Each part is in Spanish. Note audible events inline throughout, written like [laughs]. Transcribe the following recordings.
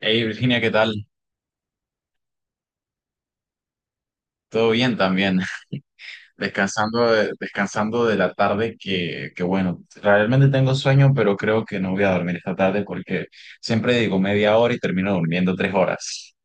Hey Virginia, ¿qué tal? Todo bien también. [laughs] Descansando de la tarde que bueno, realmente tengo sueño, pero creo que no voy a dormir esta tarde porque siempre digo media hora y termino durmiendo 3 horas.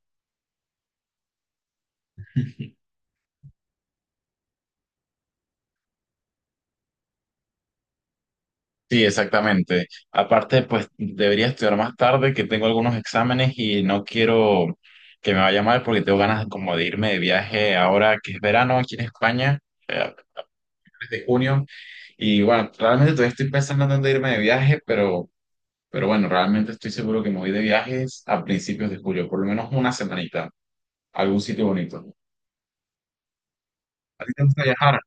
Sí, exactamente. Aparte, pues debería estudiar más tarde, que tengo algunos exámenes y no quiero que me vaya mal porque tengo ganas como de irme de viaje ahora que es verano aquí en España, a fines de junio. Y bueno, realmente todavía estoy pensando en dónde irme de viaje, pero bueno, realmente estoy seguro que me voy de viajes a principios de julio, por lo menos una semanita, a algún sitio bonito. ¿A ti te gusta viajar?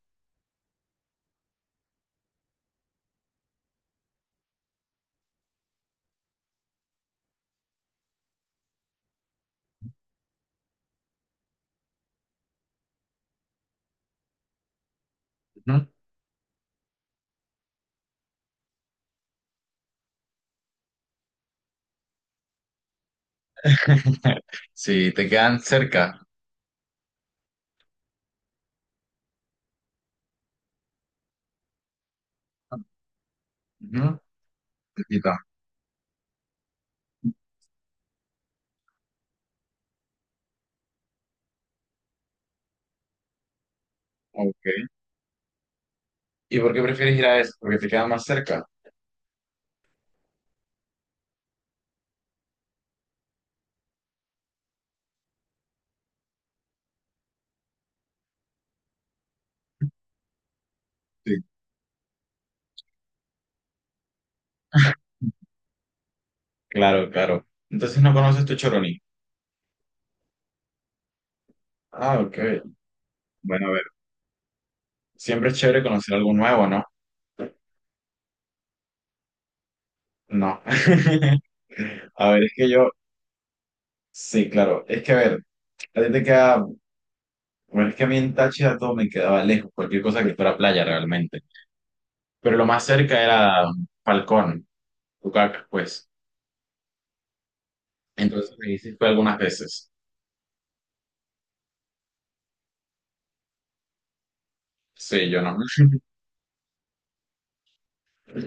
Ujú. [laughs] Si te quedan cerca. Ujú. Cerquita. Ok. ¿Y por qué prefieres ir a eso? Porque te quedan más cerca. Sí. [laughs] Claro, claro. Entonces no conoces tu Choroní. Ah, ok. Bueno, a ver. Siempre es chévere conocer algo nuevo, ¿no? No. [laughs] A ver, es que yo, sí, claro. Es que a ver, a ti te queda Bueno, es que a mí en Táchira todo me quedaba lejos, cualquier cosa que fuera playa realmente. Pero lo más cerca era Falcón, Tucacas, pues. Entonces ahí sí fue algunas veces. Sí, yo no.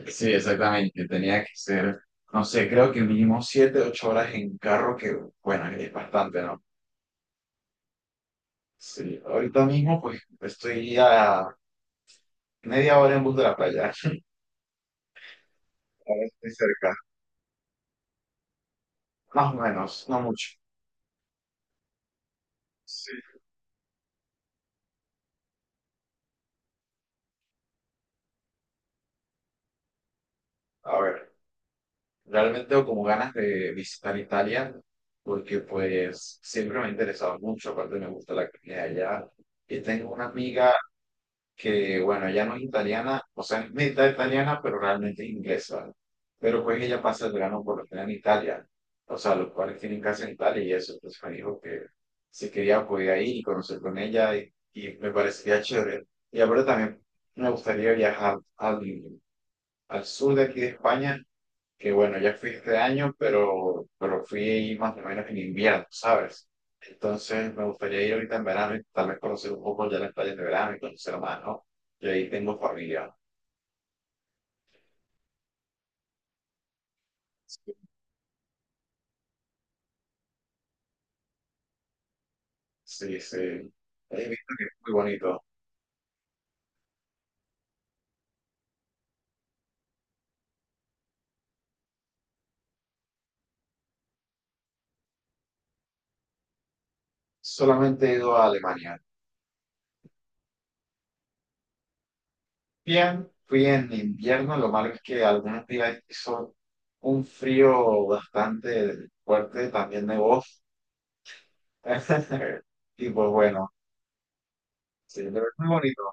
Sí, exactamente. No sé, creo que mínimo 7, 8 horas en carro, que bueno, es bastante, ¿no? Sí, ahorita mismo pues estoy a media hora en bus de la playa. [laughs] A ver, estoy cerca. Más o menos, no mucho. Sí. A ver. Realmente tengo como ganas de visitar Italia porque pues siempre me ha interesado mucho, aparte me gusta la comida de allá. Y tengo una amiga que, bueno, ella no es italiana, o sea, es mitad italiana, pero realmente es inglesa. Pero pues ella pasa el verano por lo general en Italia, o sea, los cuales tienen casa en Italia y eso, entonces me dijo que si quería podía ir y conocer con ella y me parecería chévere. Y ahora también me gustaría viajar al, al sur de aquí de España que bueno, ya fui este año, pero fui más o menos en invierno, ¿sabes? Entonces me gustaría ir ahorita en verano y tal vez conocer un poco ya las playas de verano y conocer más, ¿no? Y ahí tengo familia. Sí, sí. He visto que es muy bonito. Solamente he ido a Alemania. Bien, fui en invierno, lo malo es que algunos días hizo un frío bastante fuerte, también de voz. [laughs] Y pues bueno, sí, pero es muy bonito.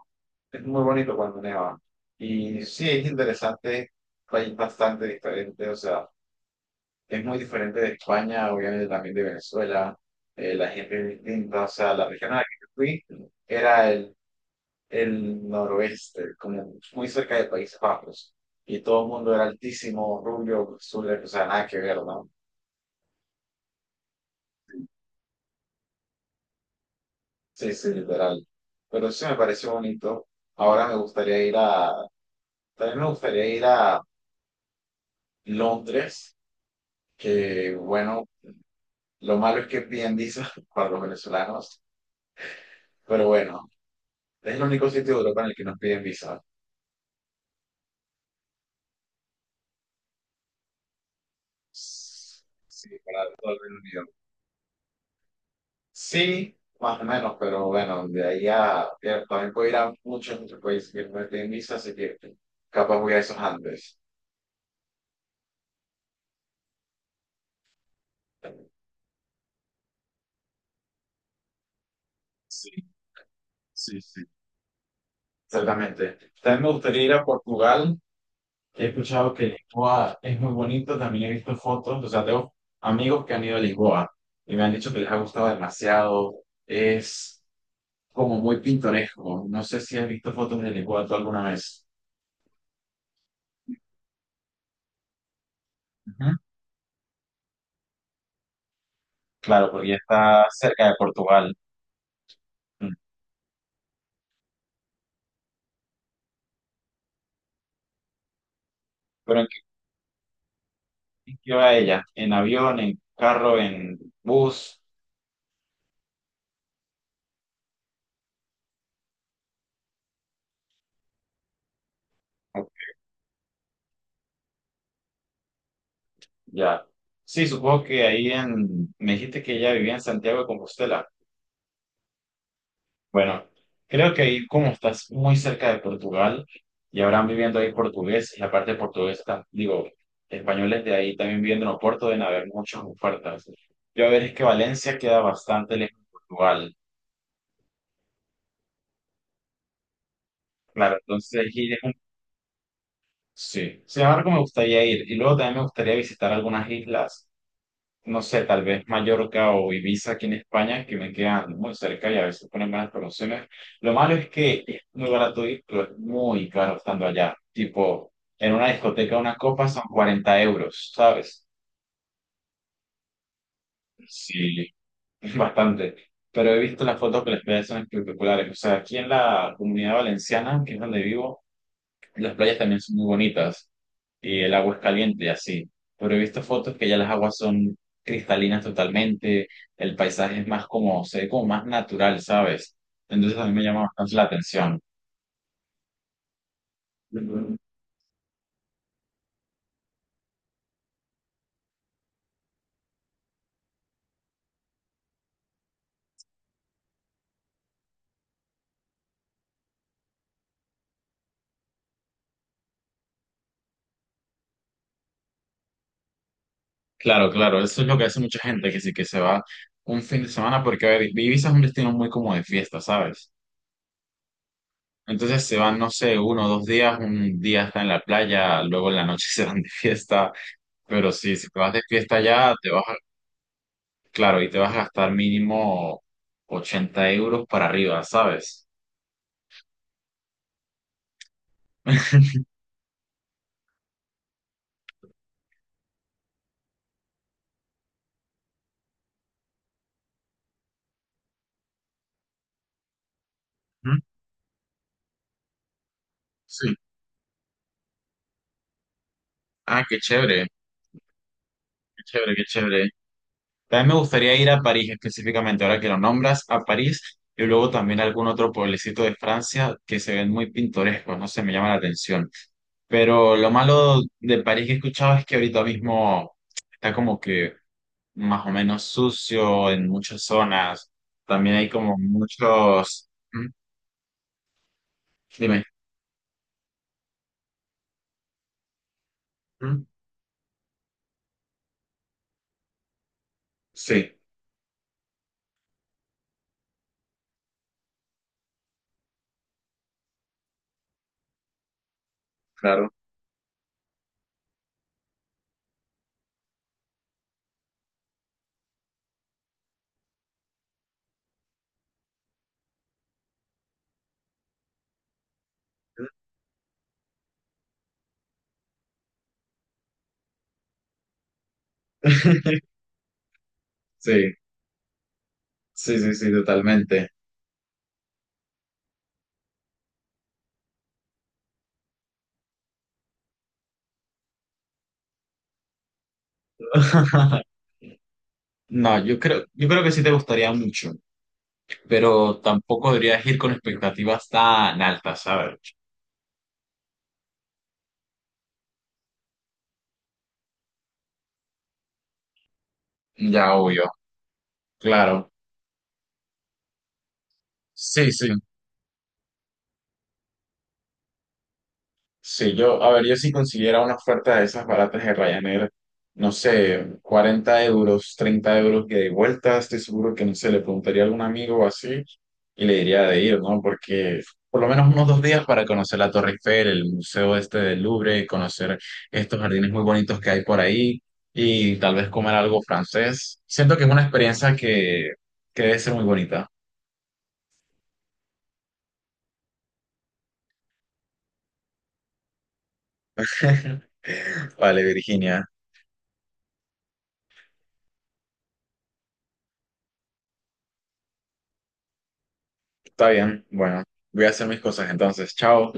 Es muy bonito cuando neva. Y sí, es interesante, país bastante diferente, o sea, es muy diferente de España, obviamente también de Venezuela, la gente es distinta, o sea, la región a la que yo fui era el noroeste, como muy cerca de Países Bajos, y todo el mundo era altísimo, rubio, azul, o sea, nada que ver, ¿no? Sí, sí, literal. Pero sí me pareció bonito. Ahora me gustaría ir a, también me gustaría ir a Londres que bueno, lo malo es que piden visa [laughs] para los venezolanos, pero bueno, es el único sitio de Europa en el que nos piden visa. Sí, para todo el Reino Unido. Sí, más o menos, pero bueno, de ahí a... Ya, también puedo ir a muchos otros países que no me piden visa, así que capaz voy a esos antes. Sí, sí, sí. Exactamente. También me gustaría ir a Portugal. He escuchado que Lisboa es muy bonito, también he visto fotos, o sea, tengo amigos que han ido a Lisboa y me han dicho que les ha gustado demasiado, es como muy pintoresco, no sé si has visto fotos de Lisboa tú alguna vez. Ujú. Claro, porque ya está cerca de Portugal. Mm. ¿Pero en qué va ella? ¿En avión, en carro, en bus? Ok. Ya. Sí, supongo que ahí en... Me dijiste que ella vivía en Santiago de Compostela. Bueno, creo que ahí como estás muy cerca de Portugal y habrán viviendo ahí portugués, y aparte portuguesa, digo, españoles de ahí también viviendo en Oporto deben haber muchas ofertas. Yo a ver es que Valencia queda bastante lejos de Portugal. Claro, entonces ir es un... Sí, sin embargo me gustaría ir y luego también me gustaría visitar algunas islas, no sé, tal vez Mallorca o Ibiza aquí en España, que me quedan muy cerca y a veces ponen buenas promociones. Lo malo es que es muy barato ir, pero es muy caro estando allá. Tipo, en una discoteca una copa son 40 euros, ¿sabes? Sí, es bastante. Pero he visto las fotos que las playas son espectaculares. O sea, aquí en la comunidad valenciana, que es donde vivo, las playas también son muy bonitas. Y el agua es caliente y así. Pero he visto fotos que ya las aguas son cristalinas totalmente, el paisaje es más como, se ve como más natural, ¿sabes? Entonces a mí me llama bastante la atención. Claro, claro, eso es lo que hace mucha gente, que sí que se va un fin de semana, porque a ver, Ibiza es un destino muy como de fiesta, ¿sabes? Entonces se van, no sé, uno o dos días, un día está en la playa, luego en la noche [laughs] se van de fiesta, pero sí, si te vas de fiesta ya, te vas. Claro, y te vas a gastar mínimo 80 euros para arriba, ¿sabes? [laughs] Ujú. Sí. Ah, qué chévere, qué chévere, qué chévere. También me gustaría ir a París específicamente, ahora que lo nombras, a París y luego también a algún otro pueblecito de Francia que se ven muy pintorescos, no sé, me llama la atención. Pero lo malo de París que he escuchado es que ahorita mismo está como que más o menos sucio en muchas zonas. También hay como muchos... ¿Mm? Dime. ¿Mm? Sí, claro. [laughs] Sí, sí, sí, sí, totalmente. [laughs] No, yo creo que sí te gustaría mucho, pero tampoco deberías ir con expectativas tan altas, ¿sabes? Ya, obvio, claro. Sí, sí. Si yo, a ver, yo si consiguiera una oferta de esas baratas de Ryanair, no sé, 40 euros, 30 euros que de vuelta, estoy seguro que, no sé, le preguntaría a algún amigo o así y le diría de ir, ¿no? Porque por lo menos unos 2 días para conocer la Torre Eiffel, el museo este del Louvre, conocer estos jardines muy bonitos que hay por ahí y tal vez comer algo francés. Siento que es una experiencia que debe ser muy bonita. [laughs] Vale, Virginia, está bien, bueno, voy a hacer mis cosas entonces, chao.